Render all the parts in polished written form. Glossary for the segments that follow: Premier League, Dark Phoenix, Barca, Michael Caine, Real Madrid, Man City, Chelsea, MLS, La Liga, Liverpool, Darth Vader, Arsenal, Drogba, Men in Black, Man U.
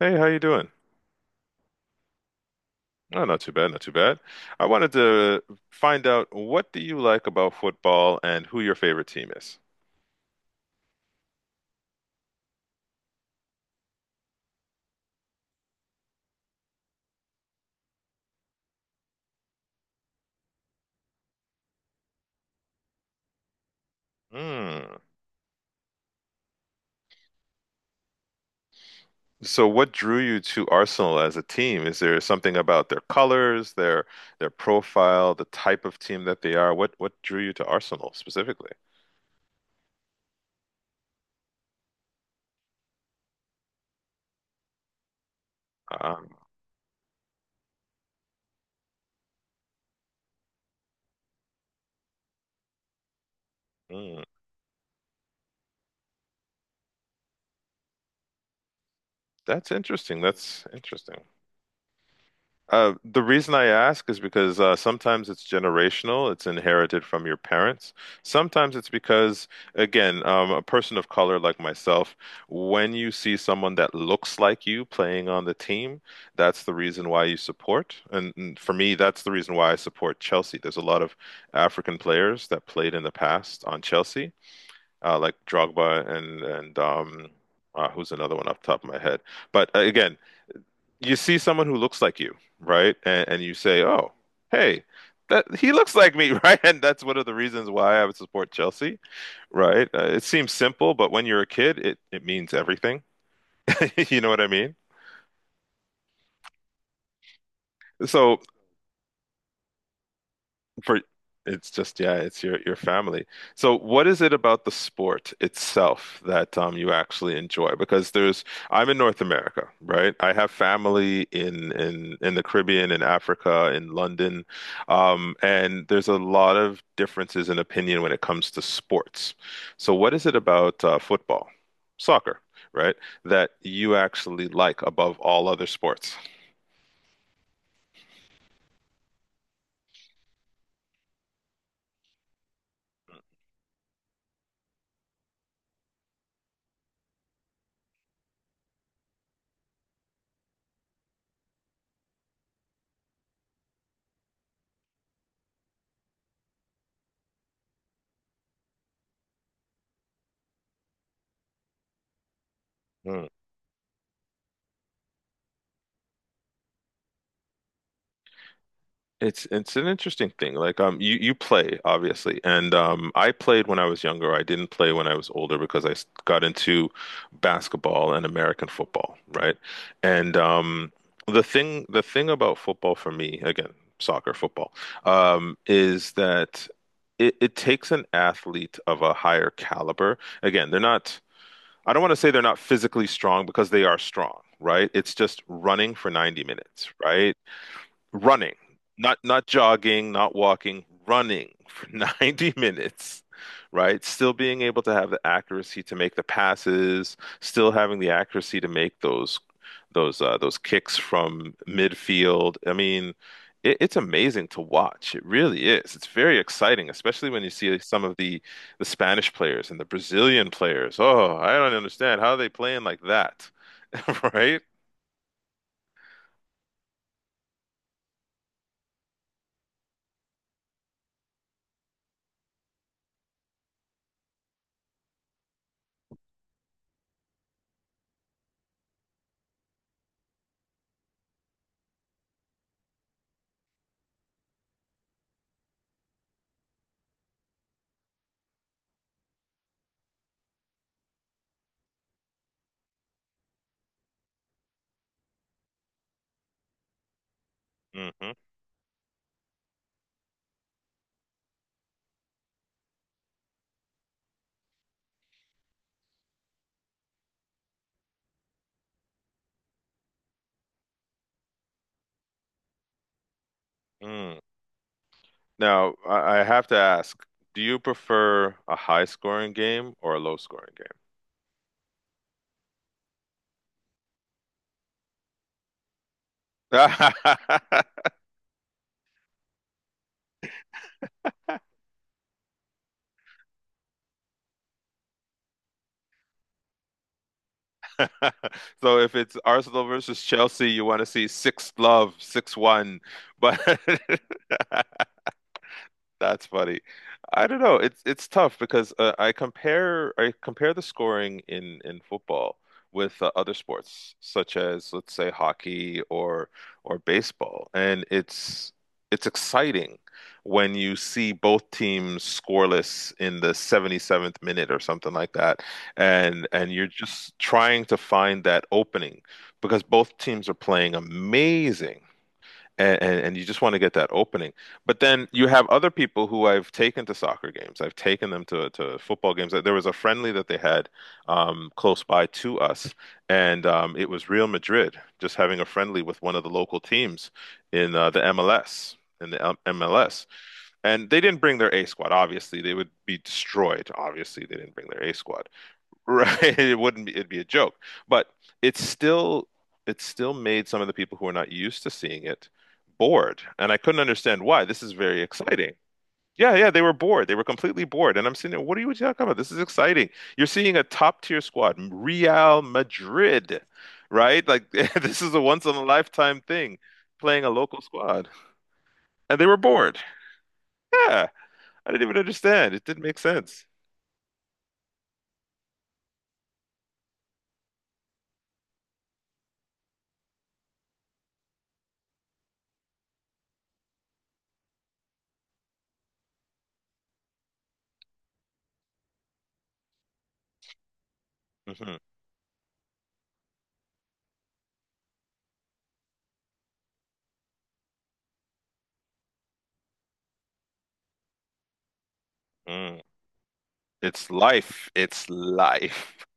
Hey, how you doing? Oh, not too bad, not too bad. I wanted to find out what do you like about football and who your favorite team is? Hmm. So what drew you to Arsenal as a team? Is there something about their colors, their profile, the type of team that they are? What drew you to Arsenal specifically? Um, hmm. That's interesting. That's interesting. The reason I ask is because sometimes it's generational, it's inherited from your parents. Sometimes it's because, again, a person of color like myself, when you see someone that looks like you playing on the team, that's the reason why you support. And for me, that's the reason why I support Chelsea. There's a lot of African players that played in the past on Chelsea, like Drogba and who's another one off the top of my head. But again, you see someone who looks like you, right? And you say, "Oh, hey, that he looks like me," right? And that's one of the reasons why I would support Chelsea, right? It seems simple, but when you're a kid, it means everything. You know what I mean? So, for it's just yeah, it's your family. So what is it about the sport itself that you actually enjoy? Because there's I'm in North America, right? I have family in the Caribbean, in Africa, in London, and there's a lot of differences in opinion when it comes to sports. So what is it about football, soccer, right, that you actually like above all other sports? It's an interesting thing. Like you you play obviously, and I played when I was younger. I didn't play when I was older because got into basketball and American football, right? And the thing about football for me, again, soccer, football, is that it takes an athlete of a higher caliber. Again, they're not I don't want to say they're not physically strong because they are strong, right? It's just running for 90 minutes, right? Running, not jogging, not walking, running for 90 minutes, right? Still being able to have the accuracy to make the passes, still having the accuracy to make those those kicks from midfield. I mean, it's amazing to watch. It really is. It's very exciting, especially when you see some of the Spanish players and the Brazilian players. Oh, I don't understand how are they playing like that, right? Hmm. Mm. Now, I have to ask, do you prefer a high scoring game or a low scoring game? So if it's Arsenal versus Chelsea, you want to see six love, 6-1. But that's funny. I don't know. It's tough because I compare the scoring in football with other sports such as, let's say, hockey or baseball, and it's exciting when you see both teams scoreless in the 77th minute or something like that, and you're just trying to find that opening because both teams are playing amazing, and you just want to get that opening. But then you have other people who I've taken to soccer games. I've taken them to football games. There was a friendly that they had close by to us, and it was Real Madrid just having a friendly with one of the local teams in the MLS. MLS, and they didn't bring their A squad. Obviously, they would be destroyed. Obviously, they didn't bring their A squad. Right. It wouldn't be, it'd be a joke. But it's still it still made some of the people who are not used to seeing it bored. And I couldn't understand why. This is very exciting. Yeah, yeah, they were bored. They were completely bored. And I'm sitting there, what are you talking about? This is exciting. You're seeing a top tier squad, Real Madrid, right? Like this is a once in a lifetime thing, playing a local squad. And they were bored. Yeah. I didn't even understand. It didn't make sense. Mm-hmm. Mm. It's life. It's life.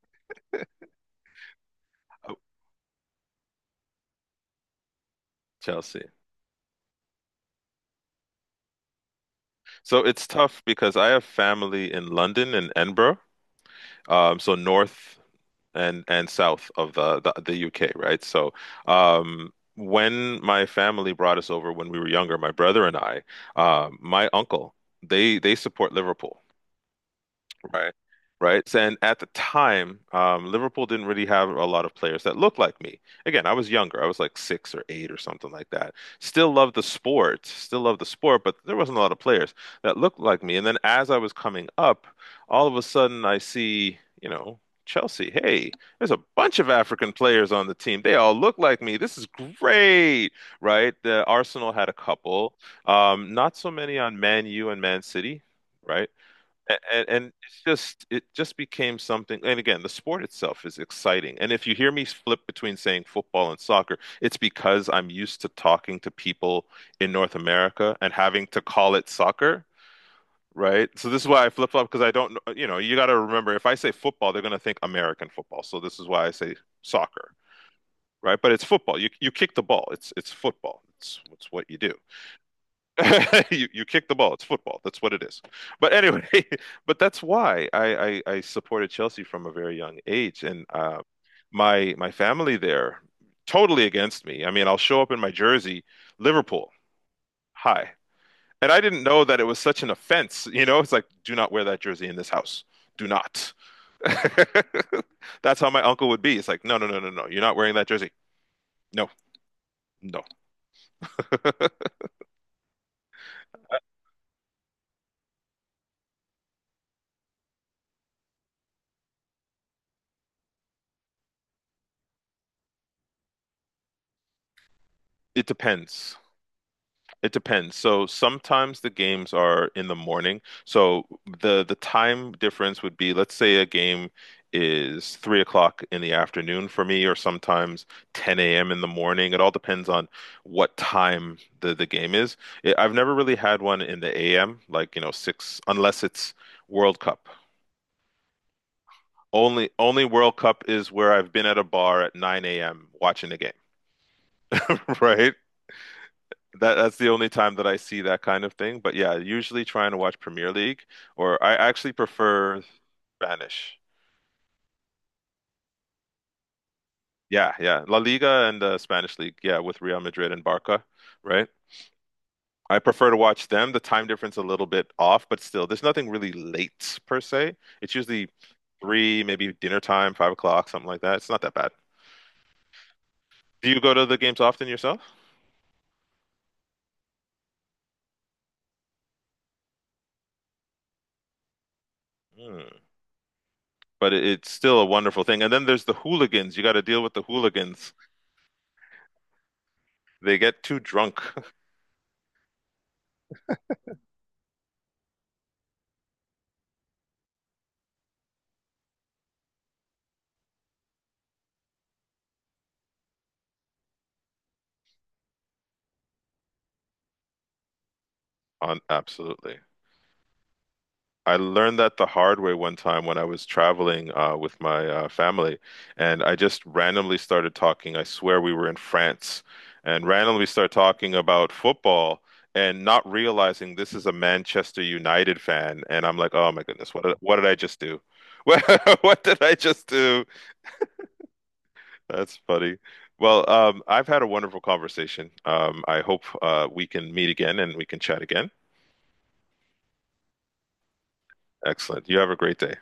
Chelsea. So it's tough because I have family in London and Edinburgh, so north and south of the UK, right? So when my family brought us over when we were younger, my brother and I, my uncle, they support Liverpool. Right. Right. So, and at the time, Liverpool didn't really have a lot of players that looked like me. Again, I was younger. I was like six or eight or something like that. Still loved the sport, still loved the sport, but there wasn't a lot of players that looked like me. And then as I was coming up, all of a sudden I see, you know, Chelsea. Hey, there's a bunch of African players on the team. They all look like me. This is great, right? The Arsenal had a couple. Not so many on Man U and Man City. Right. And it's just it just became something. And again, the sport itself is exciting. And if you hear me flip between saying football and soccer, it's because I'm used to talking to people in North America and having to call it soccer, right? So this is why I flip flop because I don't, you know, you got to remember if I say football, they're going to think American football. So this is why I say soccer, right? But it's football. You kick the ball. It's football. It's what you do. You kick the ball. It's football. That's what it is. But anyway, but that's why I supported Chelsea from a very young age, and my family there totally against me. I mean, I'll show up in my jersey, Liverpool. Hi. And I didn't know that it was such an offense. You know, it's like, do not wear that jersey in this house. Do not. That's how my uncle would be. It's like, no, no, no, no, no. You're not wearing that jersey. No, no. It depends. It depends. So sometimes the games are in the morning. So the time difference would be, let's say a game is 3 o'clock in the afternoon for me, or sometimes 10 a.m. in the morning. It all depends on what time the game is. I've never really had one in the a.m. like you know six, unless it's World Cup. Only World Cup is where I've been at a bar at 9 a.m. watching a game, right? That's the only time that I see that kind of thing. But yeah, usually trying to watch Premier League, or I actually prefer Spanish. Yeah, yeah, La Liga and the Spanish League. Yeah, with Real Madrid and Barca, right? I prefer to watch them. The time difference a little bit off, but still, there's nothing really late per se. It's usually three, maybe dinner time, 5 o'clock, something like that. It's not that bad. Do you go to the games often yourself? Hmm. But it's still a wonderful thing. And then there's the hooligans. You got to deal with the hooligans. They get too drunk on absolutely. I learned that the hard way one time when I was traveling with my family, and I just randomly started talking. I swear we were in France, and randomly started talking about football, and not realizing this is a Manchester United fan. And I'm like, oh my goodness, what did I just do? What what did I just do? That's funny. Well, I've had a wonderful conversation. I hope we can meet again and we can chat again. Excellent. You have a great day.